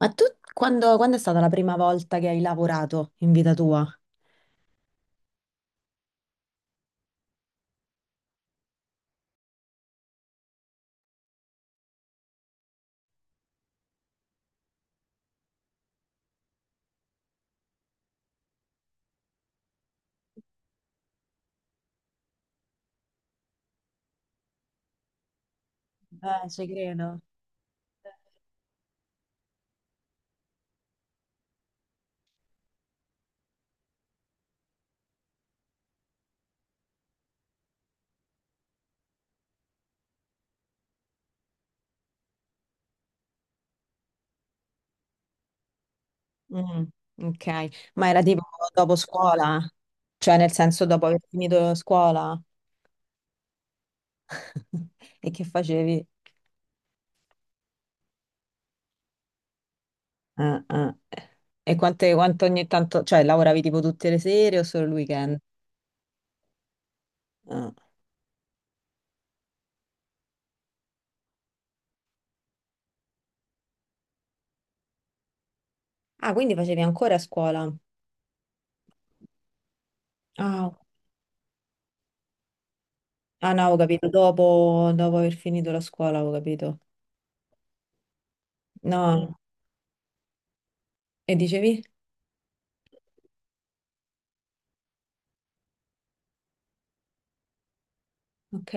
Ma tu quando, quando è stata la prima volta che hai lavorato in vita tua? Ci credo. Mm, ok, ma era tipo dopo scuola? Cioè nel senso dopo aver finito scuola? E che facevi? Ah, ah. E quante, quanto ogni tanto, cioè lavoravi tipo tutte le sere o solo il weekend? Ah, ah, quindi facevi ancora scuola? Ah, ah, no, ho capito, dopo, dopo aver finito la scuola, ho capito. No, e dicevi? Ok,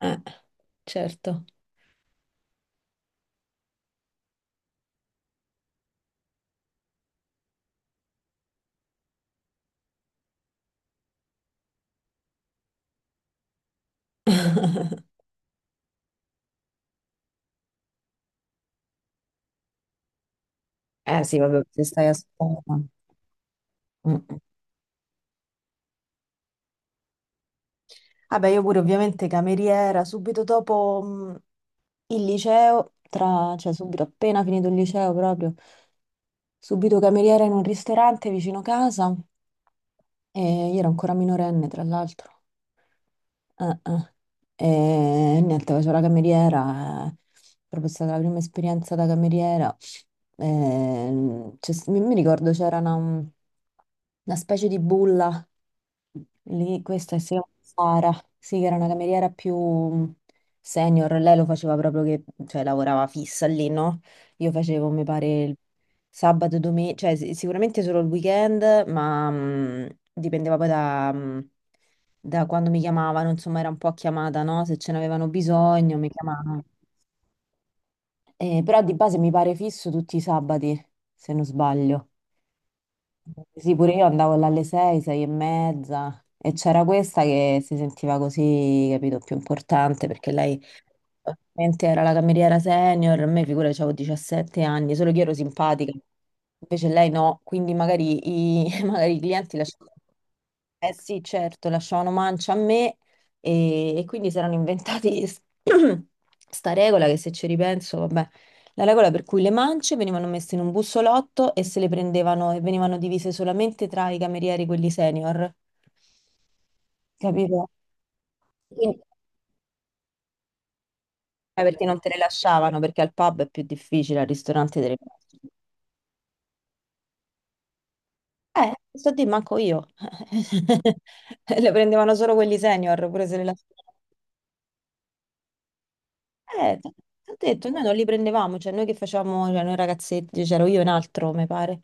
eh, certo. Eh sì, vabbè, se stai a scuola. Mm. Mm. Vabbè, io pure ovviamente cameriera, subito dopo il liceo, cioè subito appena finito il liceo proprio, subito cameriera in un ristorante vicino casa e io ero ancora minorenne tra l'altro. Eh. E niente, facevo la cameriera, proprio è stata la prima esperienza da cameriera. C'è mi, mi ricordo c'era una specie di bulla lì, questa si chiama Sara, sì, che era una cameriera più senior, lei lo faceva proprio che, cioè lavorava fissa lì, no? Io facevo, mi pare, il sabato, domenica, cioè sicuramente solo il weekend, ma dipendeva poi da, da quando mi chiamavano, insomma era un po' a chiamata, no? Se ce n'avevano bisogno mi chiamavano. Però di base mi pare fisso tutti i sabati, se non sbaglio. Sì, pure io andavo là alle 6, 6 e mezza e c'era questa che si sentiva così, capito, più importante perché lei ovviamente era la cameriera senior, a me figura avevo 17 anni, solo che io ero simpatica, invece lei no, quindi magari i, magari i clienti lasciavano eh sì, certo, lasciavano mancia a me e quindi si erano inventati sta regola che se ci ripenso, vabbè, la regola per cui le mance venivano messe in un bussolotto e se le prendevano e venivano divise solamente tra i camerieri, quelli senior, capito? Quindi- eh, perché non te le lasciavano, perché al pub è più difficile, al ristorante te le lasciano. Sto a dire, manco io. Le prendevano solo quelli senior, pure se le lasciavano. Eh, t- t'ho detto, noi non li prendevamo, cioè noi che facevamo, cioè noi ragazzetti, c'ero io e un altro, mi pare,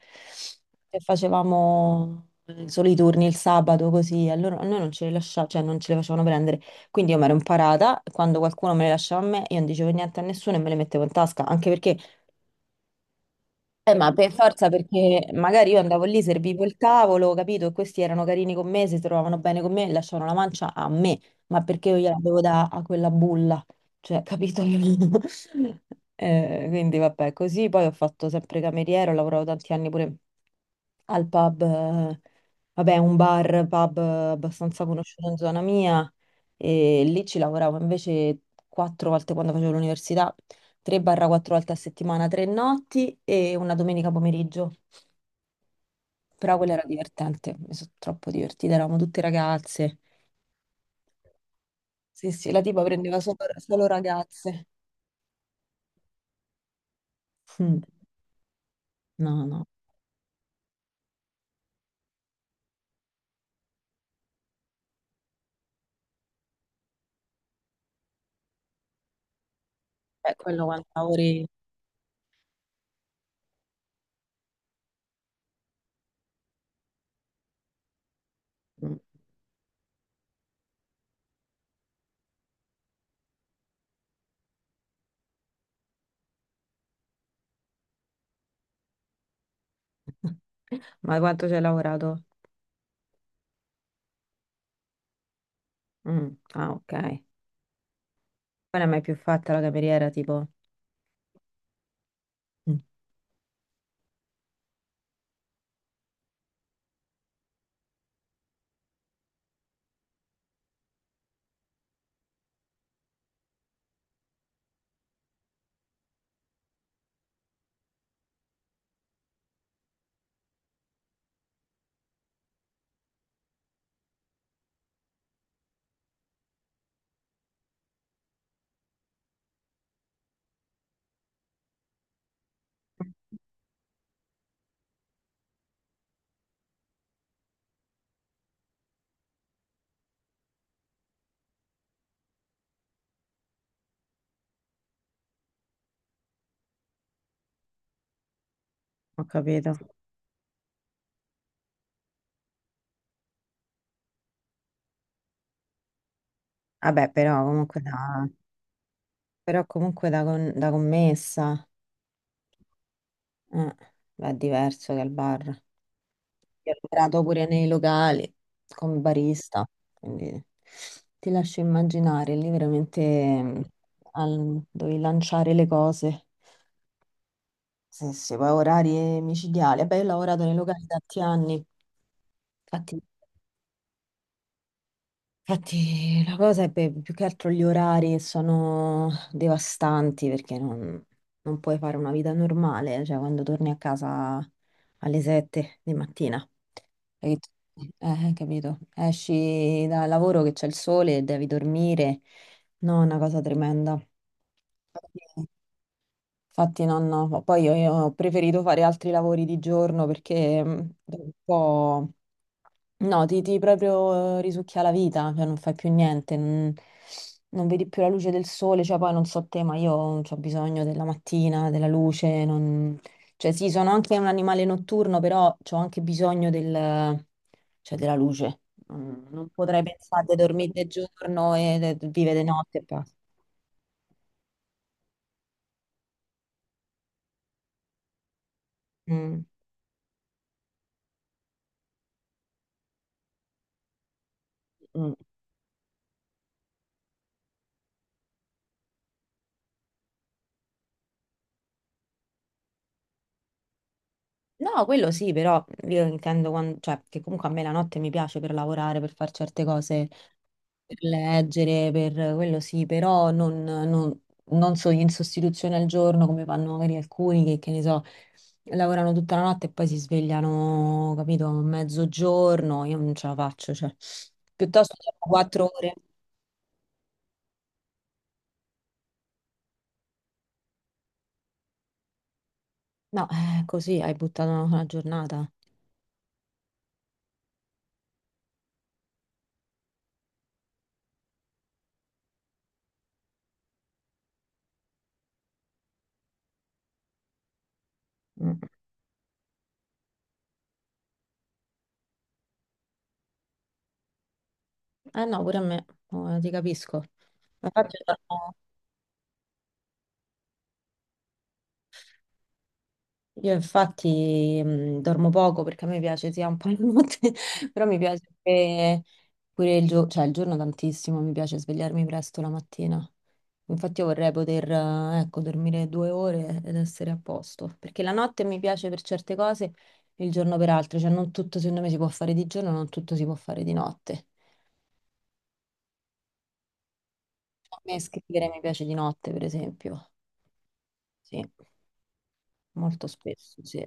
che facevamo solo i turni il sabato così, a noi non ce li lasciavano, cioè non ce li facevano prendere, quindi io mi ero imparata, quando qualcuno me le lasciava a me, io non dicevo niente a nessuno e me le mettevo in tasca, anche perché ma per forza, perché magari io andavo lì, servivo il tavolo, capito? E questi erano carini con me, si trovavano bene con me e lasciavano la mancia a me, ma perché io gliela devo dare a quella bulla, cioè, capito? Quindi vabbè, così poi ho fatto sempre cameriera, ho lavorato tanti anni pure al pub, vabbè, un bar, pub abbastanza conosciuto in zona mia e lì ci lavoravo invece quattro volte quando facevo l'università, 3-4 volte a settimana, tre notti e una domenica pomeriggio. Però quella era divertente, mi sono troppo divertita, eravamo tutte ragazze. Sì, sì, la tipa prendeva solo ragazze. Mm, no, no, quello quanto lavori... Mm. Ma quanto ci hai lavorato? Mm, ah, ok. Poi non è mai più fatta la cameriera, tipo... Mm, ho capito. Vabbè, però comunque da, da commessa eh, è diverso che al bar. Io ho lavorato pure nei locali come barista, quindi ti lascio immaginare, lì veramente dovevi lanciare le cose. Sì, sì, poi orari micidiali. Vabbè, io ho lavorato nei locali tanti anni, infatti. Infatti la cosa è più che altro gli orari sono devastanti perché non, non puoi fare una vita normale, cioè quando torni a casa alle 7 di mattina, e- capito? Esci dal lavoro che c'è il sole, e devi dormire, no, è una cosa tremenda. Infatti infatti no, no, poi io ho preferito fare altri lavori di giorno perché dopo un po' no, ti proprio risucchia la vita, cioè non fai più niente, non, non vedi più la luce del sole, cioè poi non so te, ma io ho bisogno della mattina, della luce, non- cioè sì, sono anche un animale notturno, però ho anche bisogno del- cioè, della luce. Mm, non potrei pensare di dormire di giorno e di vivere di notte e basta. Mm, mm. No, quello sì, però io intendo quan- cioè, che comunque a me la notte mi piace per lavorare, per fare certe cose. Per leggere, per quello sì, però non, non- non so, in sostituzione al giorno come fanno magari alcuni che ne so, lavorano tutta la notte e poi si svegliano, capito, a mezzogiorno, io non ce la faccio, cioè, piuttosto dormo 4 ore. No, così hai buttato una giornata. Mm. Eh no, pure a me, ti capisco. Ma infatti, io infatti dormo poco perché a me piace sia un po' la notte, però mi piace pure, pure il giorno, cioè il giorno tantissimo, mi piace svegliarmi presto la mattina. Infatti io vorrei poter, ecco, dormire 2 ore ed essere a posto, perché la notte mi piace per certe cose, il giorno per altre, cioè non tutto secondo me si può fare di giorno, non tutto si può fare di notte. A me scrivere mi piace di notte, per esempio, sì, molto spesso, sì.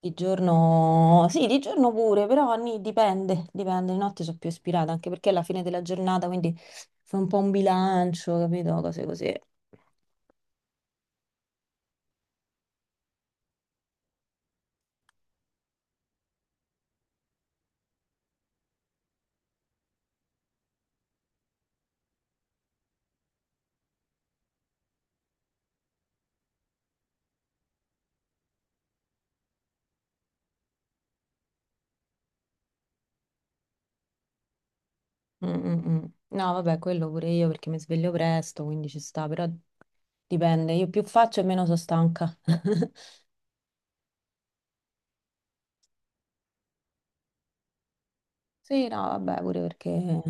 Di giorno, sì, di giorno pure, però dipende, dipende, di notte sono più ispirata, anche perché è la fine della giornata, quindi fa un po' un bilancio, capito? Cose così. Mm, mm, mm. No, vabbè, quello pure io perché mi sveglio presto, quindi ci sta, però dipende, io più faccio e meno sono stanca. Sì, no, vabbè, pure perché,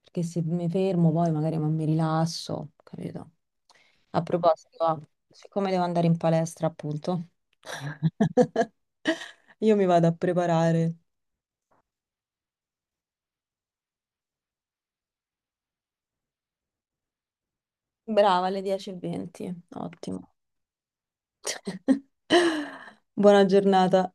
perché se mi fermo poi magari non mi rilasso, capito? A proposito, ah, siccome devo andare in palestra, appunto, io mi vado a preparare. Brava, alle 10:20, ottimo. Buona giornata.